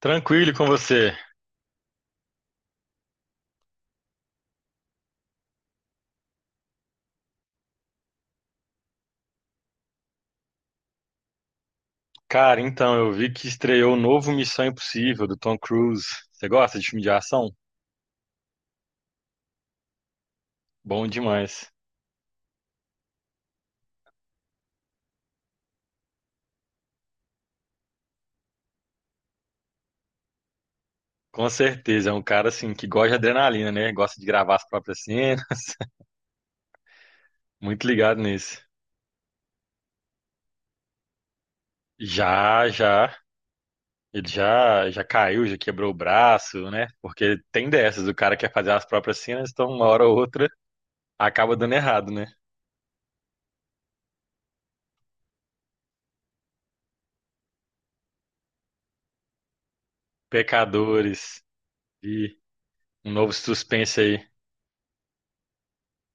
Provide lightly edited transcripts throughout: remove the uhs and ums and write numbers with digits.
Tranquilo com você. Cara, então, eu vi que estreou o novo Missão Impossível do Tom Cruise. Você gosta de filme de ação? Bom demais. Com certeza, é um cara assim que gosta de adrenalina, né? Gosta de gravar as próprias cenas. Muito ligado nisso. Já, já. Ele já caiu, já quebrou o braço, né? Porque tem dessas, o cara quer fazer as próprias cenas, então uma hora ou outra acaba dando errado, né? Pecadores e um novo suspense aí.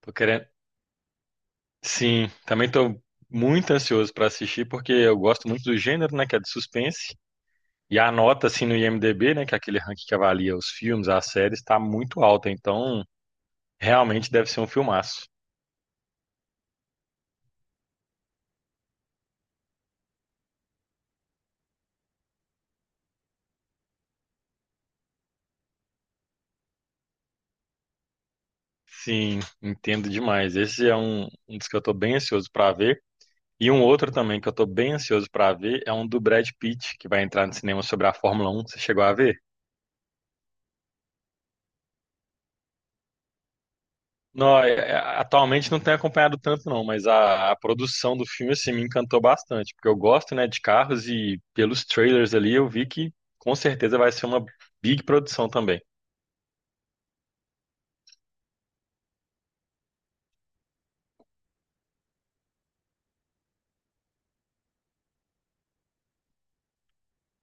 Tô querendo, sim, também tô muito ansioso para assistir porque eu gosto muito do gênero, né, que é de suspense. E a nota assim no IMDb, né, que é aquele ranking que avalia os filmes, as séries, tá muito alta, então realmente deve ser um filmaço. Sim, entendo demais. Esse é um dos que eu tô bem ansioso para ver. E um outro também que eu tô bem ansioso para ver é um do Brad Pitt, que vai entrar no cinema sobre a Fórmula Um. Você chegou a ver? Não, atualmente não tenho acompanhado tanto não, mas a produção do filme assim me encantou bastante, porque eu gosto, né, de carros e pelos trailers ali eu vi que com certeza vai ser uma big produção também.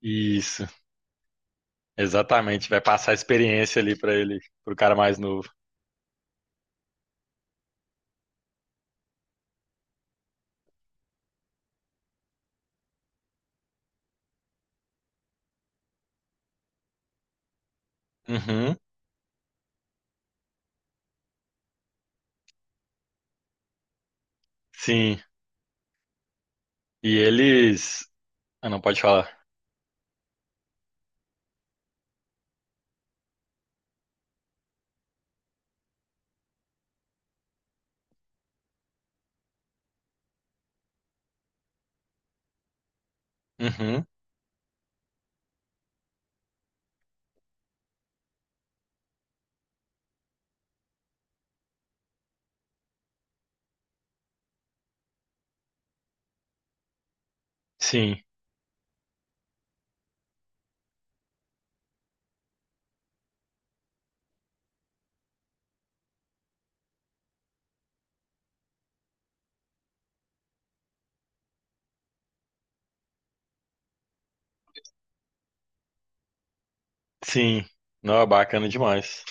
Isso, exatamente, vai passar a experiência ali pra ele, pro cara mais novo. Uhum, sim. E eles, ah, não pode falar. Uhum, sim, sim. Não, é bacana demais.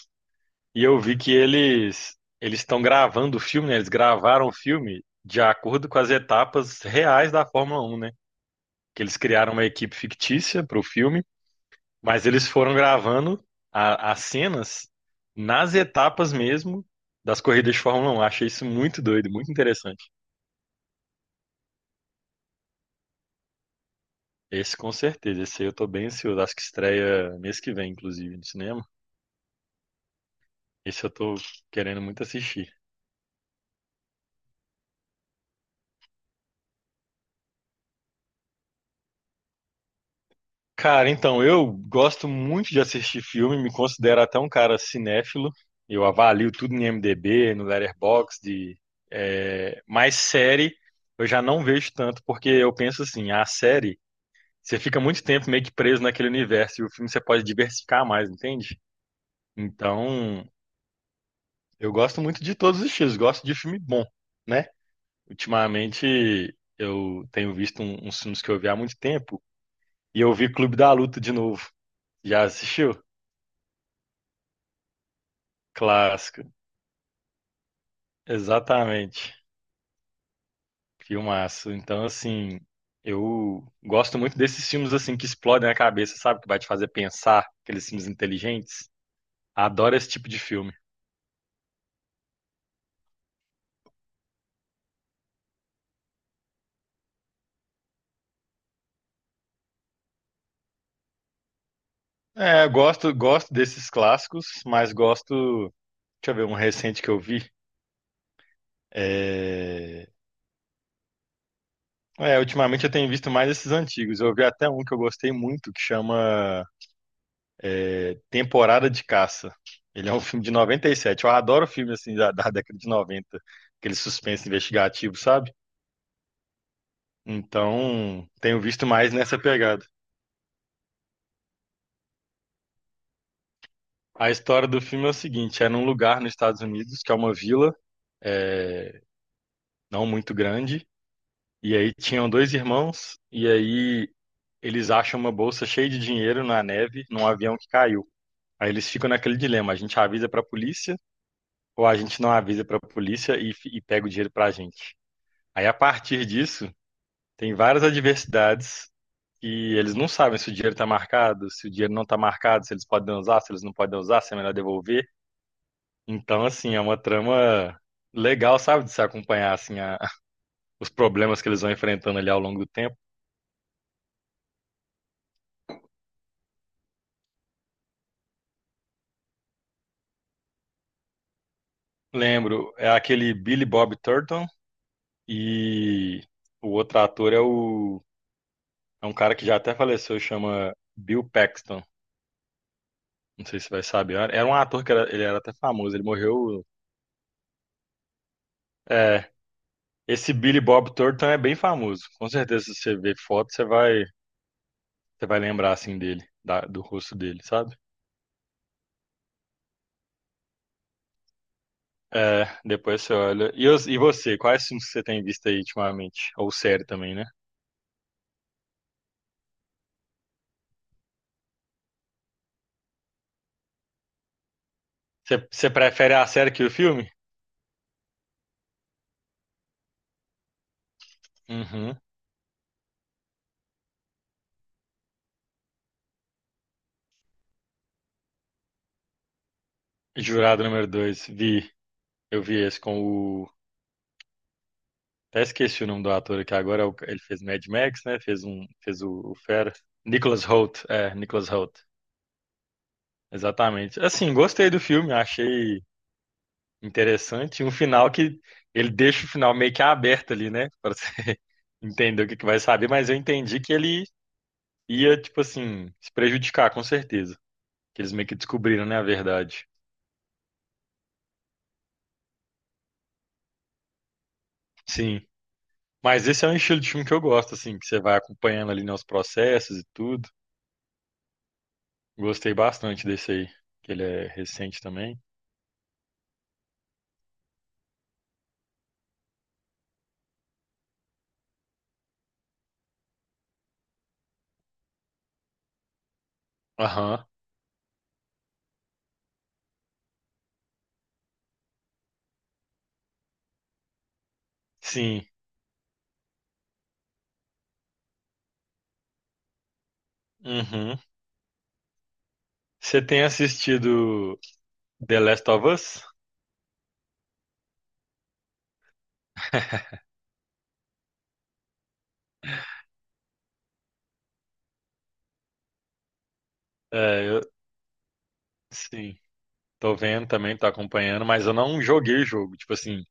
E eu vi que eles estão gravando o filme, né? Eles gravaram o filme de acordo com as etapas reais da Fórmula 1, né? Que eles criaram uma equipe fictícia para o filme, mas eles foram gravando as cenas nas etapas mesmo das corridas de Fórmula 1. Achei isso muito doido, muito interessante. Esse com certeza, esse aí eu tô bem ansioso. Acho que estreia mês que vem, inclusive, no cinema. Esse eu tô querendo muito assistir. Cara, então, eu gosto muito de assistir filme, me considero até um cara cinéfilo. Eu avalio tudo em IMDb, no Letterboxd, de, é, mas série eu já não vejo tanto, porque eu penso assim, a série, você fica muito tempo meio que preso naquele universo, e o filme você pode diversificar mais, entende? Então, eu gosto muito de todos os estilos, gosto de filme bom, né? Ultimamente, eu tenho visto uns filmes que eu vi há muito tempo, e eu vi Clube da Luta de novo. Já assistiu? Clássico, exatamente. Filmaço. Então, assim, eu gosto muito desses filmes assim que explodem a cabeça, sabe? Que vai te fazer pensar, aqueles filmes inteligentes. Adoro esse tipo de filme. É, eu gosto, gosto desses clássicos, mas gosto. Deixa eu ver, um recente que eu vi. É... é, ultimamente eu tenho visto mais esses antigos. Eu vi até um que eu gostei muito, que chama É Temporada de Caça. Ele é um filme de 97. Eu adoro filme assim da década de 90, aquele suspense investigativo, sabe? Então, tenho visto mais nessa pegada. A história do filme é o seguinte: é num lugar nos Estados Unidos, que é uma vila, é, não muito grande, e aí tinham dois irmãos, e aí eles acham uma bolsa cheia de dinheiro na neve, num avião que caiu. Aí eles ficam naquele dilema: a gente avisa pra polícia ou a gente não avisa pra polícia e pega o dinheiro pra gente? Aí, a partir disso, tem várias adversidades e eles não sabem se o dinheiro está marcado, se o dinheiro não está marcado, se eles podem usar, se eles não podem usar, se é melhor devolver. Então, assim, é uma trama legal, sabe, de se acompanhar assim os problemas que eles vão enfrentando ali ao longo do tempo. Lembro, é aquele Billy Bob Thornton e o outro ator é o é um cara que já até faleceu, chama Bill Paxton. Não sei se vai saber. Era um ator que ele era até famoso, ele morreu. É, esse Billy Bob Thornton é bem famoso. Com certeza, se você ver foto, você vai lembrar assim dele, do rosto dele, sabe? É, depois você olha. E, e você, quais filmes que você tem visto aí ultimamente? Ou série também, né? Você, você prefere a série que o filme? Uhum. Jurado número dois, vi. Eu vi esse com o. Até esqueci o nome do ator aqui agora. Ele fez Mad Max, né? Fez um. Fez o Fera. Nicholas Hoult. É, Nicholas Hoult. Exatamente. Assim, gostei do filme, achei. Interessante. E um final que ele deixa o final meio que aberto ali, né? Pra você entender o que que vai saber, mas eu entendi que ele ia, tipo assim, se prejudicar, com certeza. Que eles meio que descobriram, né, a verdade. Sim. Mas esse é um estilo de filme que eu gosto, assim, que você vai acompanhando ali, né, os processos e tudo. Gostei bastante desse aí, que ele é recente também. Aham. Sim. Uhum. Você tem assistido The Last of Us? É, eu, sim. Tô vendo também, tô acompanhando, mas eu não joguei o jogo. Tipo assim,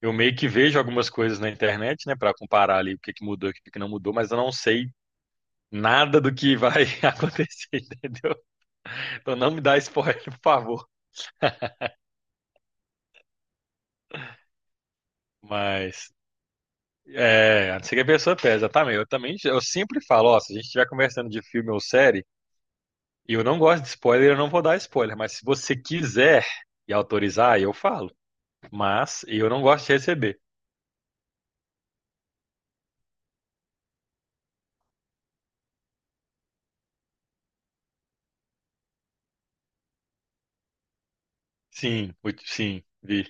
eu meio que vejo algumas coisas na internet, né, pra comparar ali o que que mudou e o que que não mudou, mas eu não sei nada do que vai acontecer, entendeu? Então não me dá spoiler, por favor. Mas é, não sei que a pessoa pesa, exatamente. Eu também, eu sempre falo, ó, se a gente estiver conversando de filme ou série, e eu não gosto de spoiler, eu não vou dar spoiler, mas se você quiser e autorizar, eu falo. Mas eu não gosto de receber. Sim, muito, sim, vi.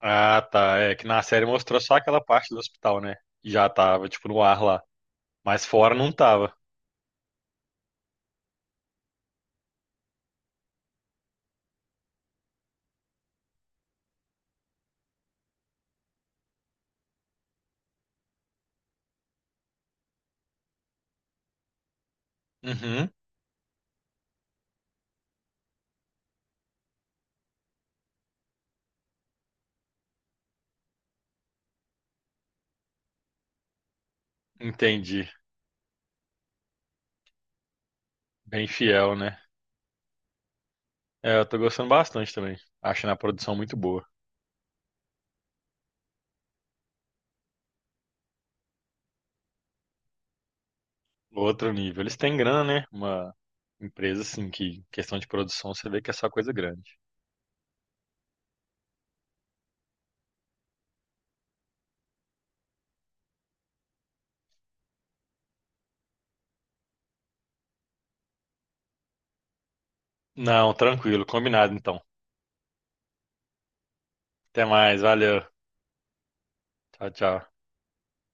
Ah, tá. É que na série mostrou só aquela parte do hospital, né? Já tava, tipo, no ar lá. Mas fora não tava. Uhum, entendi. Bem fiel, né? É, eu tô gostando bastante também. Achando a produção muito boa. Outro nível. Eles têm grana, né? Uma empresa, assim, que em questão de produção, você vê que é só coisa grande. Não, tranquilo. Combinado, então. Até mais. Valeu. Tchau, tchau.